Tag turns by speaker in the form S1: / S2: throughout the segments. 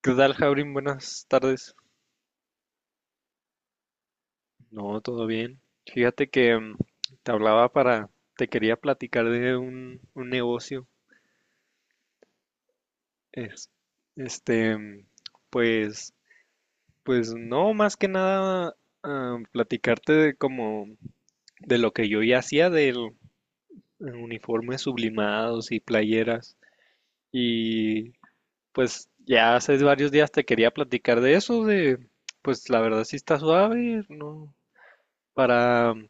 S1: ¿Qué tal, Jaurim? Buenas tardes. No, todo bien. Fíjate que te hablaba para, te quería platicar de un negocio. Es, este, mm, pues, pues no, más que nada platicarte de como de lo que yo ya hacía del uniformes sublimados y playeras. Y pues ya hace varios días te quería platicar de eso, de pues la verdad sí está suave, no, para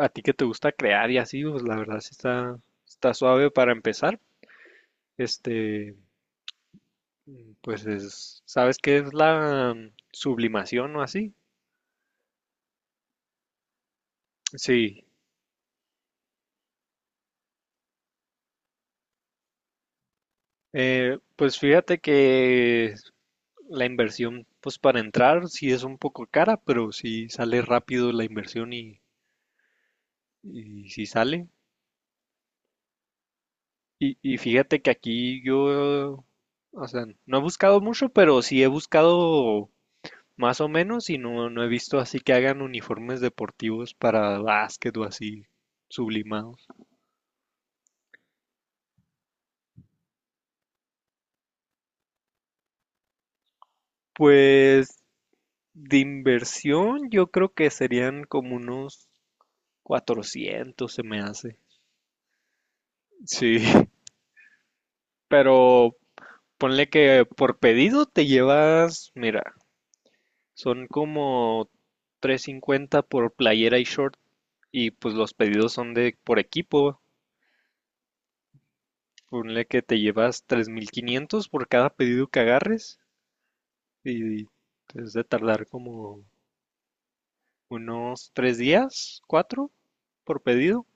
S1: a ti que te gusta crear y así, pues la verdad sí está, está suave para empezar. Este, pues es, ¿sabes qué es la sublimación o así? Sí, pues fíjate que la inversión, pues para entrar sí es un poco cara, pero sí sale rápido la inversión y sí sale. Y fíjate que aquí yo, o sea, no he buscado mucho, pero sí he buscado más o menos, y no, no he visto así que hagan uniformes deportivos para básquet o así sublimados. Pues de inversión yo creo que serían como unos 400 se me hace. Sí, pero ponle que por pedido te llevas, mira, son como 350 por playera y short, y pues los pedidos son de por equipo. Ponle que te llevas 3,500 por cada pedido que agarres. Y es de tardar como unos 3 días, cuatro, por pedido.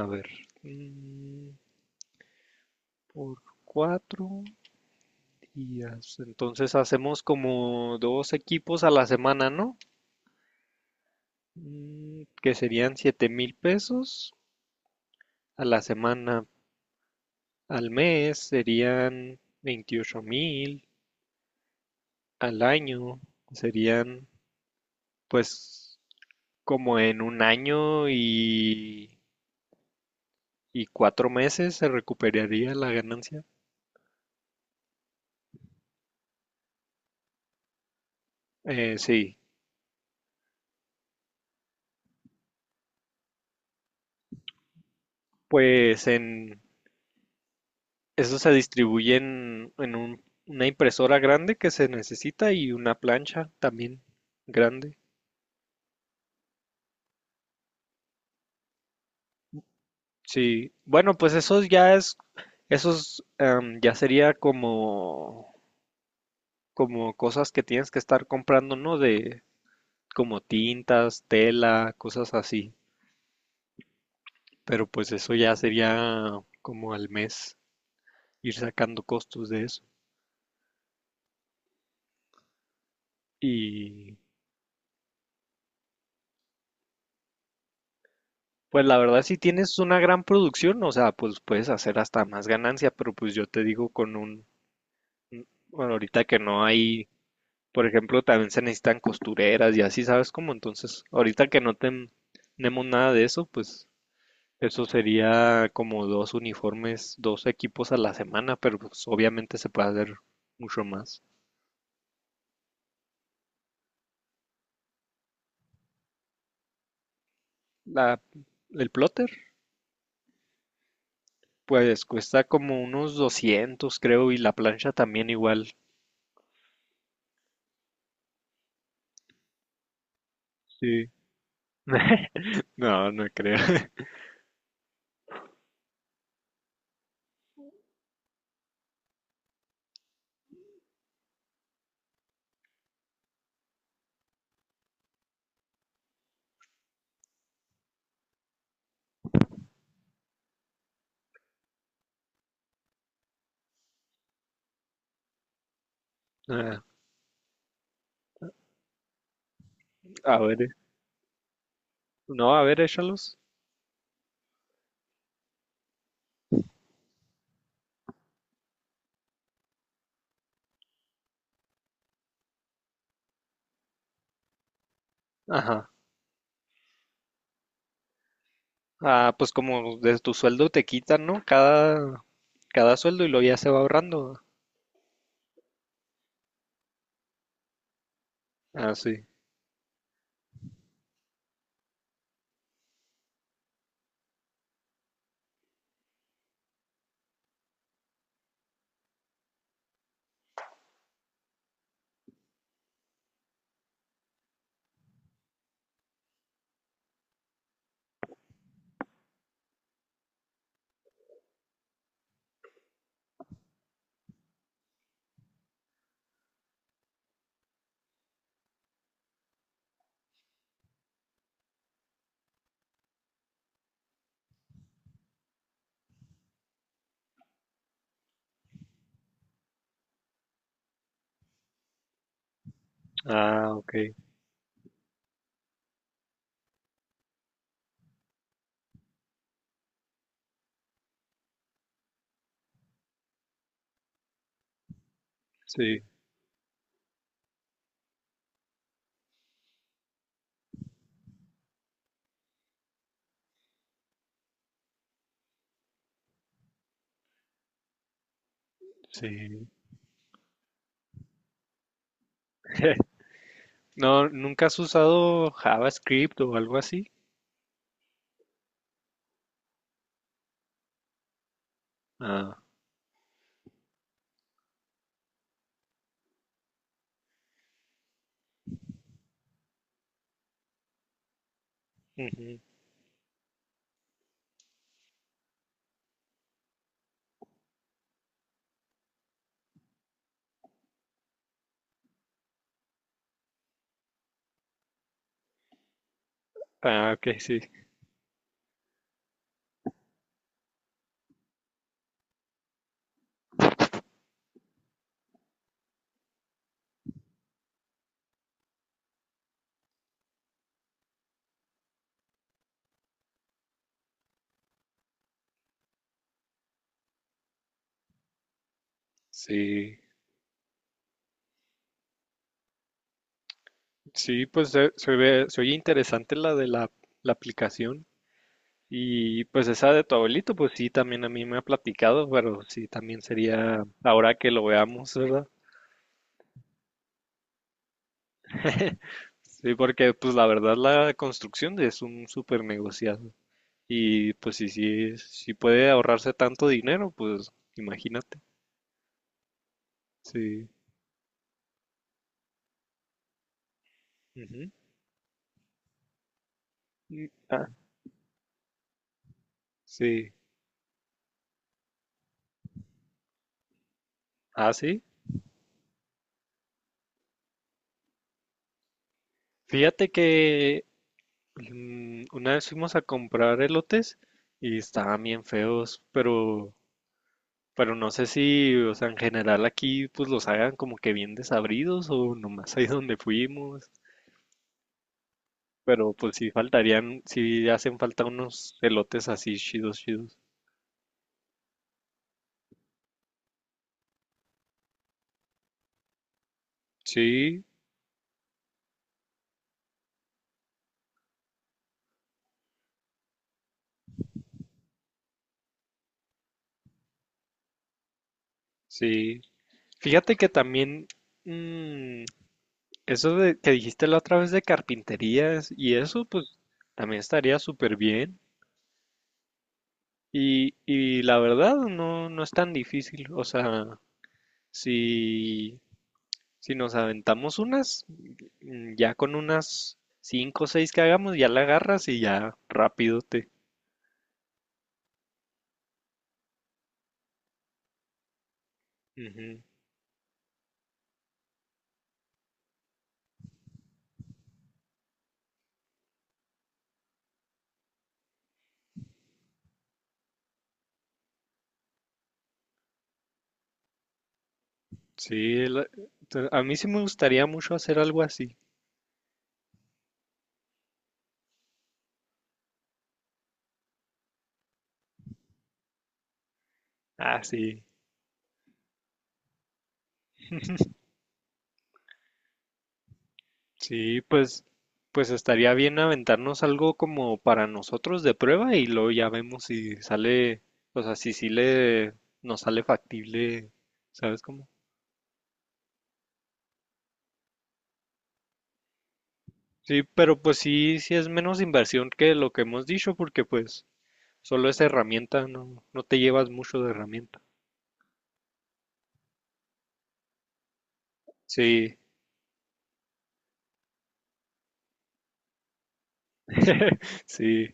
S1: A ver, mm, por 4 días. Entonces hacemos como dos equipos a la semana, ¿no? Que serían $7,000 a la semana. Al mes serían 28,000. Al año serían, pues, como en un año y 4 meses se recuperaría la ganancia. Sí, pues en eso se distribuye en una impresora grande que se necesita y una plancha también grande. Sí, bueno, pues eso ya es, esos ya sería como, como cosas que tienes que estar comprando, ¿no? De como tintas, tela, cosas así. Pero pues eso ya sería como al mes ir sacando costos de eso. Y pues la verdad, si tienes una gran producción, o sea, pues puedes hacer hasta más ganancia, pero pues yo te digo con un, bueno, ahorita que no hay, por ejemplo, también se necesitan costureras y así, ¿sabes cómo? Entonces, ahorita que tenemos nada de eso, pues eso sería como dos uniformes, dos equipos a la semana, pero pues obviamente se puede hacer mucho más. La, el plotter, pues cuesta como unos 200 creo, y la plancha también igual. Sí. No, no creo. A ver, no, a ver, échalos. Ajá. Ah, pues como de tu sueldo te quitan, ¿no? Cada sueldo y lo ya se va ahorrando. Ah, sí. Ah, ok. Sí, sí. No, ¿nunca has usado JavaScript o algo así? Ah, ujú. Ah, ok, sí. Sí, sí, pues se ve, se oye interesante la de la aplicación. Y pues esa de tu abuelito, pues sí, también a mí me ha platicado, pero sí, también sería ahora que lo veamos, ¿verdad? Sí, porque pues la verdad la construcción es un súper negociado. Y pues si, si, si puede ahorrarse tanto dinero, pues imagínate. Sí. Ujú. Ah, sí. Ah, sí. Fíjate que una vez fuimos a comprar elotes y estaban bien feos, pero no sé si, o sea, en general aquí pues los hagan como que bien desabridos o nomás ahí donde fuimos. Pero pues sí faltarían, sí hacen falta unos elotes así chidos, chidos. Sí, sí. Fíjate que también mm, eso de que dijiste la otra vez de carpinterías y eso, pues también estaría súper bien. Y la verdad no, no es tan difícil. O sea, si, si nos aventamos unas, ya con unas cinco o seis que hagamos, ya la agarras y ya rápido te. Sí, la- a mí sí me gustaría mucho hacer algo así. Ah, sí. Sí, pues, pues estaría bien aventarnos algo como para nosotros de prueba y luego ya vemos si sale, o sea, si sí le, nos sale factible, ¿sabes cómo? Sí, pero pues sí, sí es menos inversión que lo que hemos dicho porque pues solo es herramienta, no, no te llevas mucho de herramienta. Sí, sí,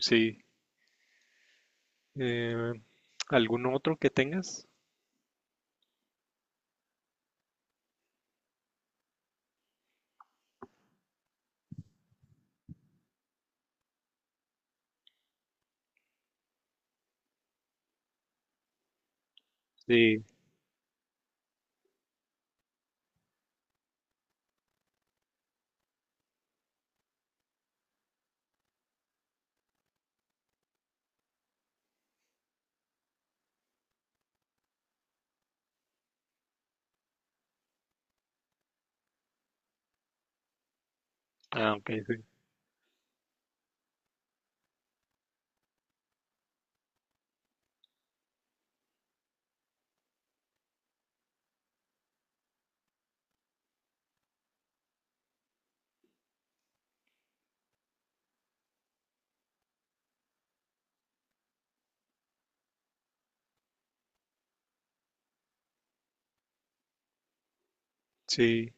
S1: sí. Eh, ¿Algún otro que tengas? Sí. Ah, ok, sí. Sí,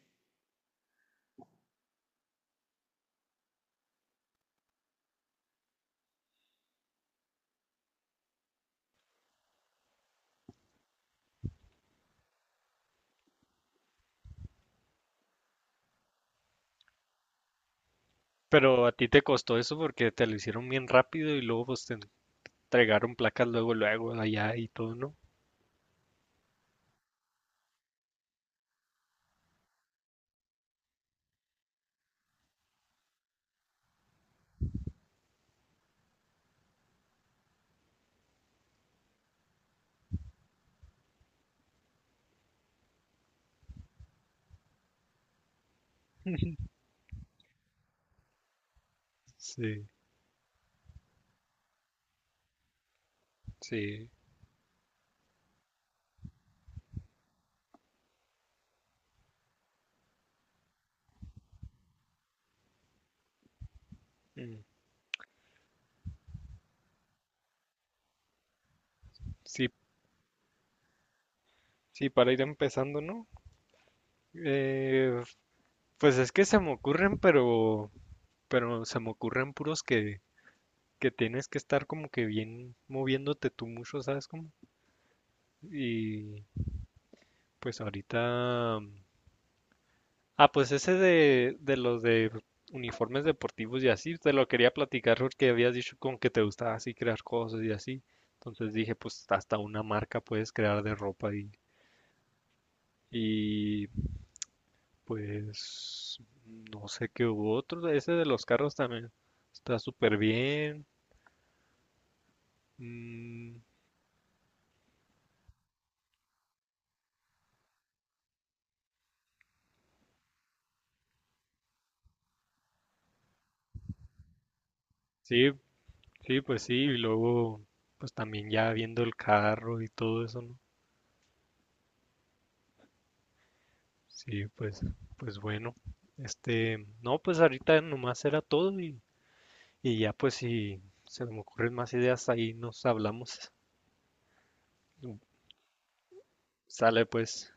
S1: pero a ti te costó eso porque te lo hicieron bien rápido y luego pues te entregaron placas luego, luego allá y todo, ¿no? Sí, sí. Mm. Sí, sí, para ir empezando, ¿no? Eh, pues es que se me ocurren, pero se me ocurren puros que tienes que estar como que bien moviéndote tú mucho, ¿sabes cómo? Y pues ahorita ah, pues ese de los de uniformes deportivos y así, te lo quería platicar porque habías dicho con que te gustaba así crear cosas y así. Entonces dije, pues hasta una marca puedes crear de ropa y pues no sé qué hubo otro. Ese de los carros también está súper bien. Mm, sí, sí, pues sí. Y luego, pues también ya viendo el carro y todo eso, ¿no? Sí, pues, pues bueno, este, no, pues ahorita nomás era todo y ya pues si se me ocurren más ideas ahí nos hablamos. Sale pues.